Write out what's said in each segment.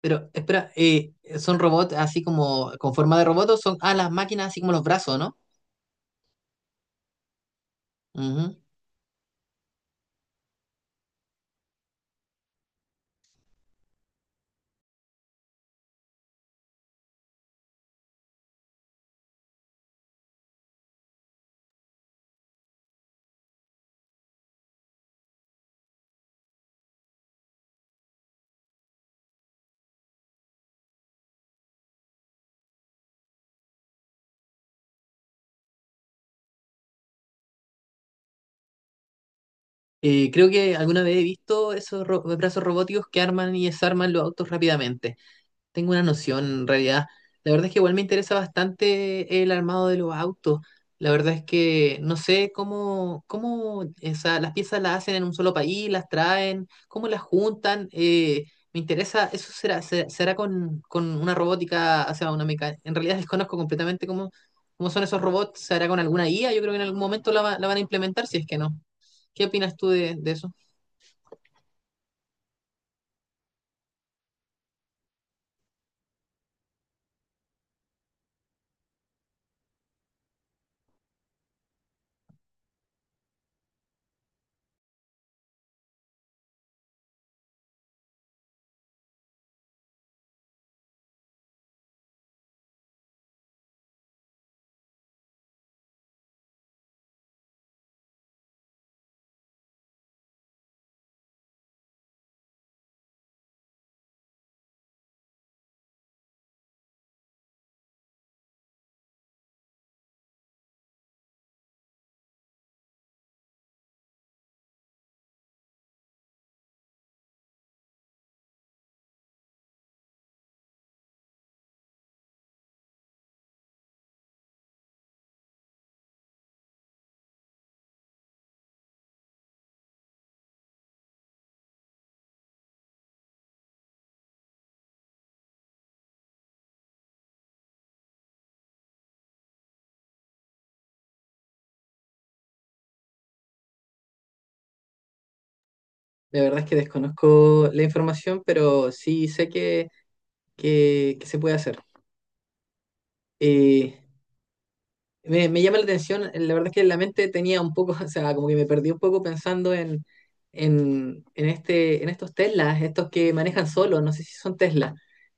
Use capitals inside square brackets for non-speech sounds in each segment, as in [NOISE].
Pero espera, ¿son robots así como con forma de robot o son las máquinas así como los brazos, no? Ujú. Creo que alguna vez he visto esos brazos robóticos que arman y desarman los autos rápidamente. Tengo una noción en realidad. La verdad es que igual me interesa bastante el armado de los autos. La verdad es que no sé cómo, las piezas las hacen en un solo país, las traen, cómo las juntan. Me interesa, eso será, será con una robótica, o sea, una mecánica. En realidad [LAUGHS] desconozco completamente cómo, cómo son esos robots. ¿Se hará con alguna IA? Yo creo que en algún momento la van a implementar, si es que no. ¿Qué opinas tú de eso? La verdad es que desconozco la información, pero sí sé que se puede hacer. Eh, me llama la atención, la verdad es que la mente tenía un poco, [LAUGHS] o sea, como que me perdí un poco pensando este, en estos Teslas, estos que manejan solos, no sé si son Tesla.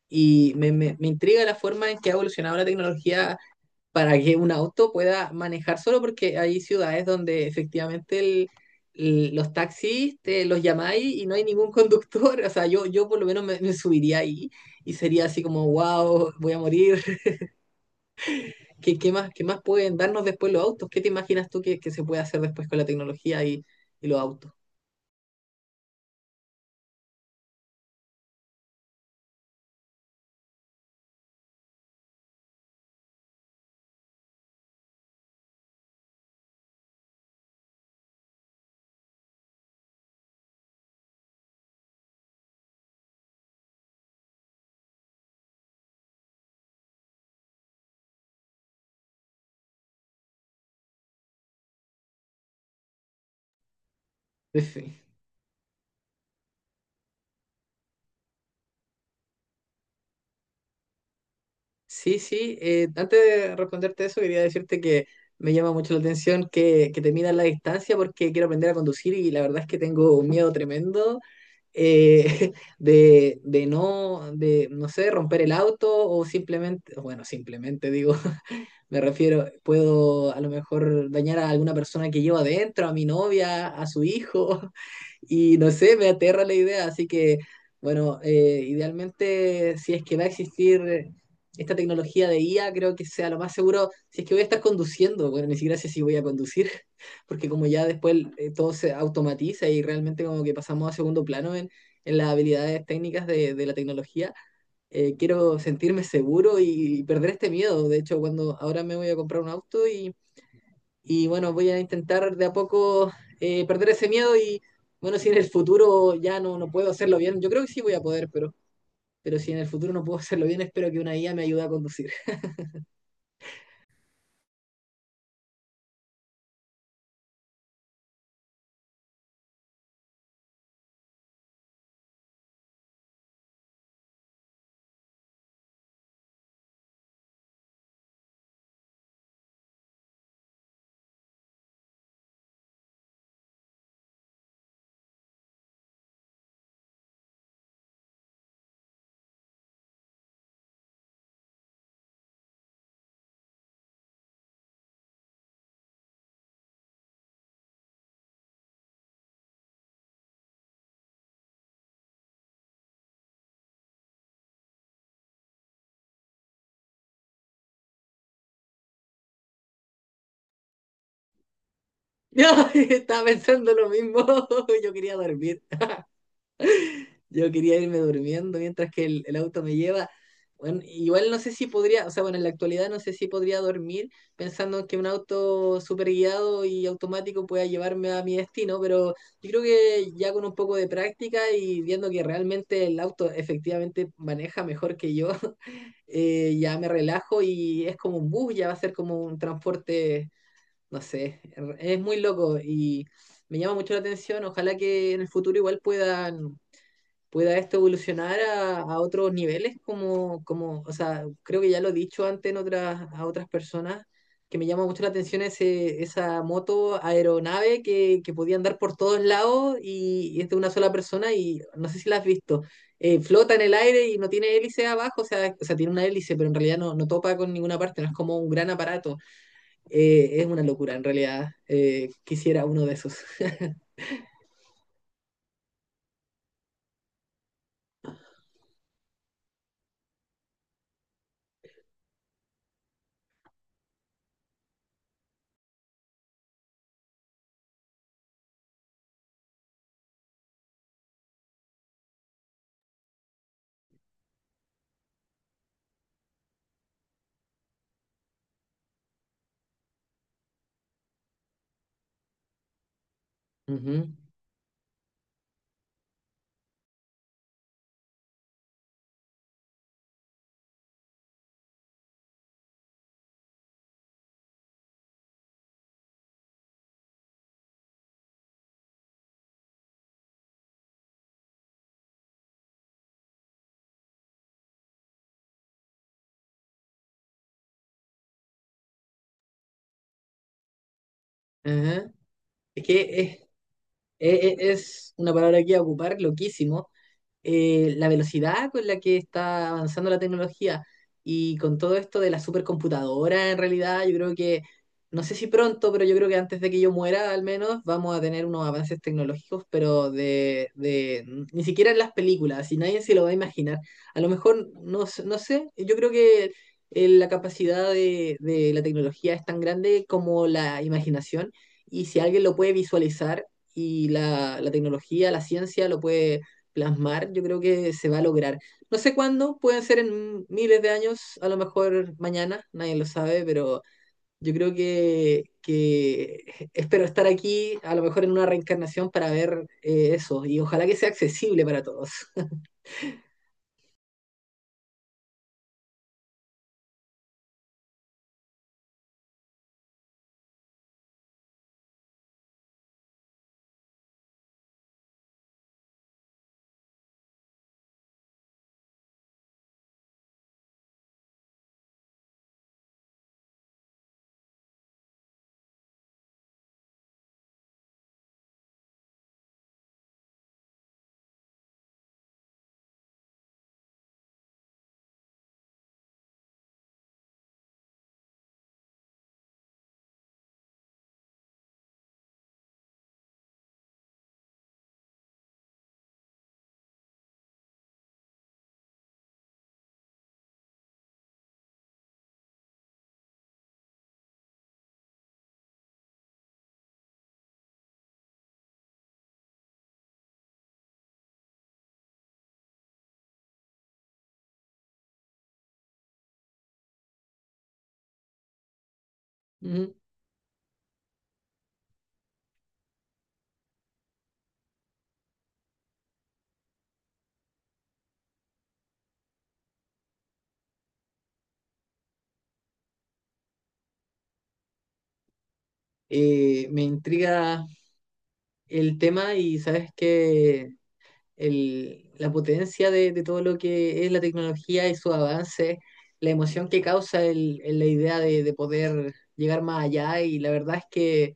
Me intriga la forma en que ha evolucionado la tecnología para que un auto pueda manejar solo, porque hay ciudades donde efectivamente los taxis te los llamáis y no hay ningún conductor. [LAUGHS] O sea, yo por lo menos me subiría ahí y sería así como, wow, voy a morir. ¿ qué más pueden darnos después los autos? ¿Qué te imaginas tú que se puede hacer después con la tecnología y los autos? En fin. Sí, sí. Antes de responderte eso, quería decirte que me llama mucho la atención que te midas la distancia porque quiero aprender a conducir y la verdad es que tengo un miedo tremendo eh, [LAUGHS] de, no sé, romper el auto o simplemente, bueno, simplemente digo, [LAUGHS] me refiero, puedo a lo mejor dañar a alguna persona que llevo adentro, a mi novia, a su hijo. Y no sé, me aterra la idea, así que, bueno, idealmente, si es que va a existir esta tecnología de IA, creo que sea lo más seguro, si es que voy a estar conduciendo, bueno, ni siquiera sé si voy a conducir, [LAUGHS] porque como ya después todo se automatiza y realmente como que pasamos a segundo plano en las habilidades técnicas de la tecnología, quiero sentirme seguro y perder este miedo. De hecho, cuando ahora me voy a comprar un auto y bueno, voy a intentar de a poco perder ese miedo y bueno, si en el futuro ya no, no puedo hacerlo bien, yo creo que sí voy a poder, pero si en el futuro no puedo hacerlo bien, espero que una IA me ayude a conducir. [LAUGHS] No, estaba pensando lo mismo, [LAUGHS] yo quería dormir. Yo quería irme durmiendo mientras que el auto me lleva. Bueno, igual no sé si podría, o sea, bueno, en la actualidad no sé si podría dormir pensando que un auto super guiado y automático pueda llevarme a mi destino, pero yo creo que ya con un poco de práctica y viendo que realmente el auto efectivamente maneja mejor que yo, [LAUGHS] ya me relajo y es como un bus, ya va a ser como un transporte, no sé, es muy loco y me llama mucho la atención, ojalá que en el futuro igual pueda esto evolucionar a otros niveles, como, como, o sea, creo que ya lo he dicho antes en otras, a otras personas, que me llama mucho la atención ese, esa moto aeronave que podía andar por todos lados y es de una sola persona y no sé si la has visto. Flota en el aire y no tiene hélice abajo, o sea, tiene una hélice, pero en realidad no, no topa con ninguna parte, no es como un gran aparato. Es una locura, en realidad. Quisiera uno de esos. [LAUGHS] Ujú, ajá. Es que es, E- e- Es una palabra que iba a ocupar, loquísimo, la velocidad con la que está avanzando la tecnología y con todo esto de la supercomputadora, en realidad, yo creo que, no sé si pronto, pero yo creo que antes de que yo muera, al menos, vamos a tener unos avances tecnológicos, pero de ni siquiera en las películas, y nadie se lo va a imaginar. A lo mejor, no, no sé, yo creo que la capacidad de la tecnología es tan grande como la imaginación, y si alguien lo puede visualizar, y la tecnología, la ciencia lo puede plasmar, yo creo que se va a lograr. No sé cuándo, pueden ser en miles de años, a lo mejor mañana, nadie lo sabe, pero yo creo que espero estar aquí, a lo mejor en una reencarnación para ver eso, y ojalá que sea accesible para todos. [LAUGHS] Ujú. Me intriga el tema y sabes que la potencia de todo lo que es la tecnología y su avance, la emoción que causa la idea de poder llegar más allá y la verdad es que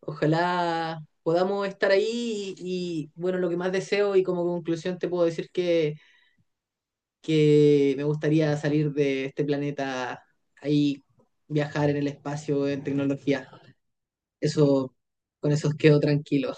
ojalá podamos estar ahí y, bueno, lo que más deseo y como conclusión te puedo decir que me gustaría salir de este planeta ahí, viajar en el espacio, en tecnología. Eso, con eso quedo tranquilo.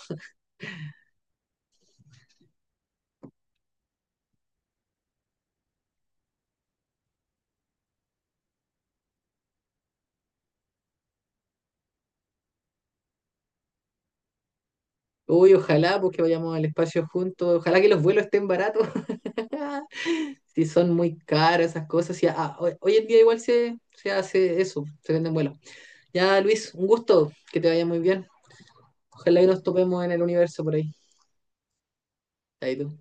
Uy, ojalá porque vayamos al espacio juntos, ojalá que los vuelos estén baratos. [LAUGHS] Si son muy caras esas cosas. Si, ah, hoy, hoy en día igual se, se hace eso, se venden vuelos. Ya, Luis, un gusto, que te vaya muy bien. Ojalá que nos topemos en el universo por ahí. Ahí tú.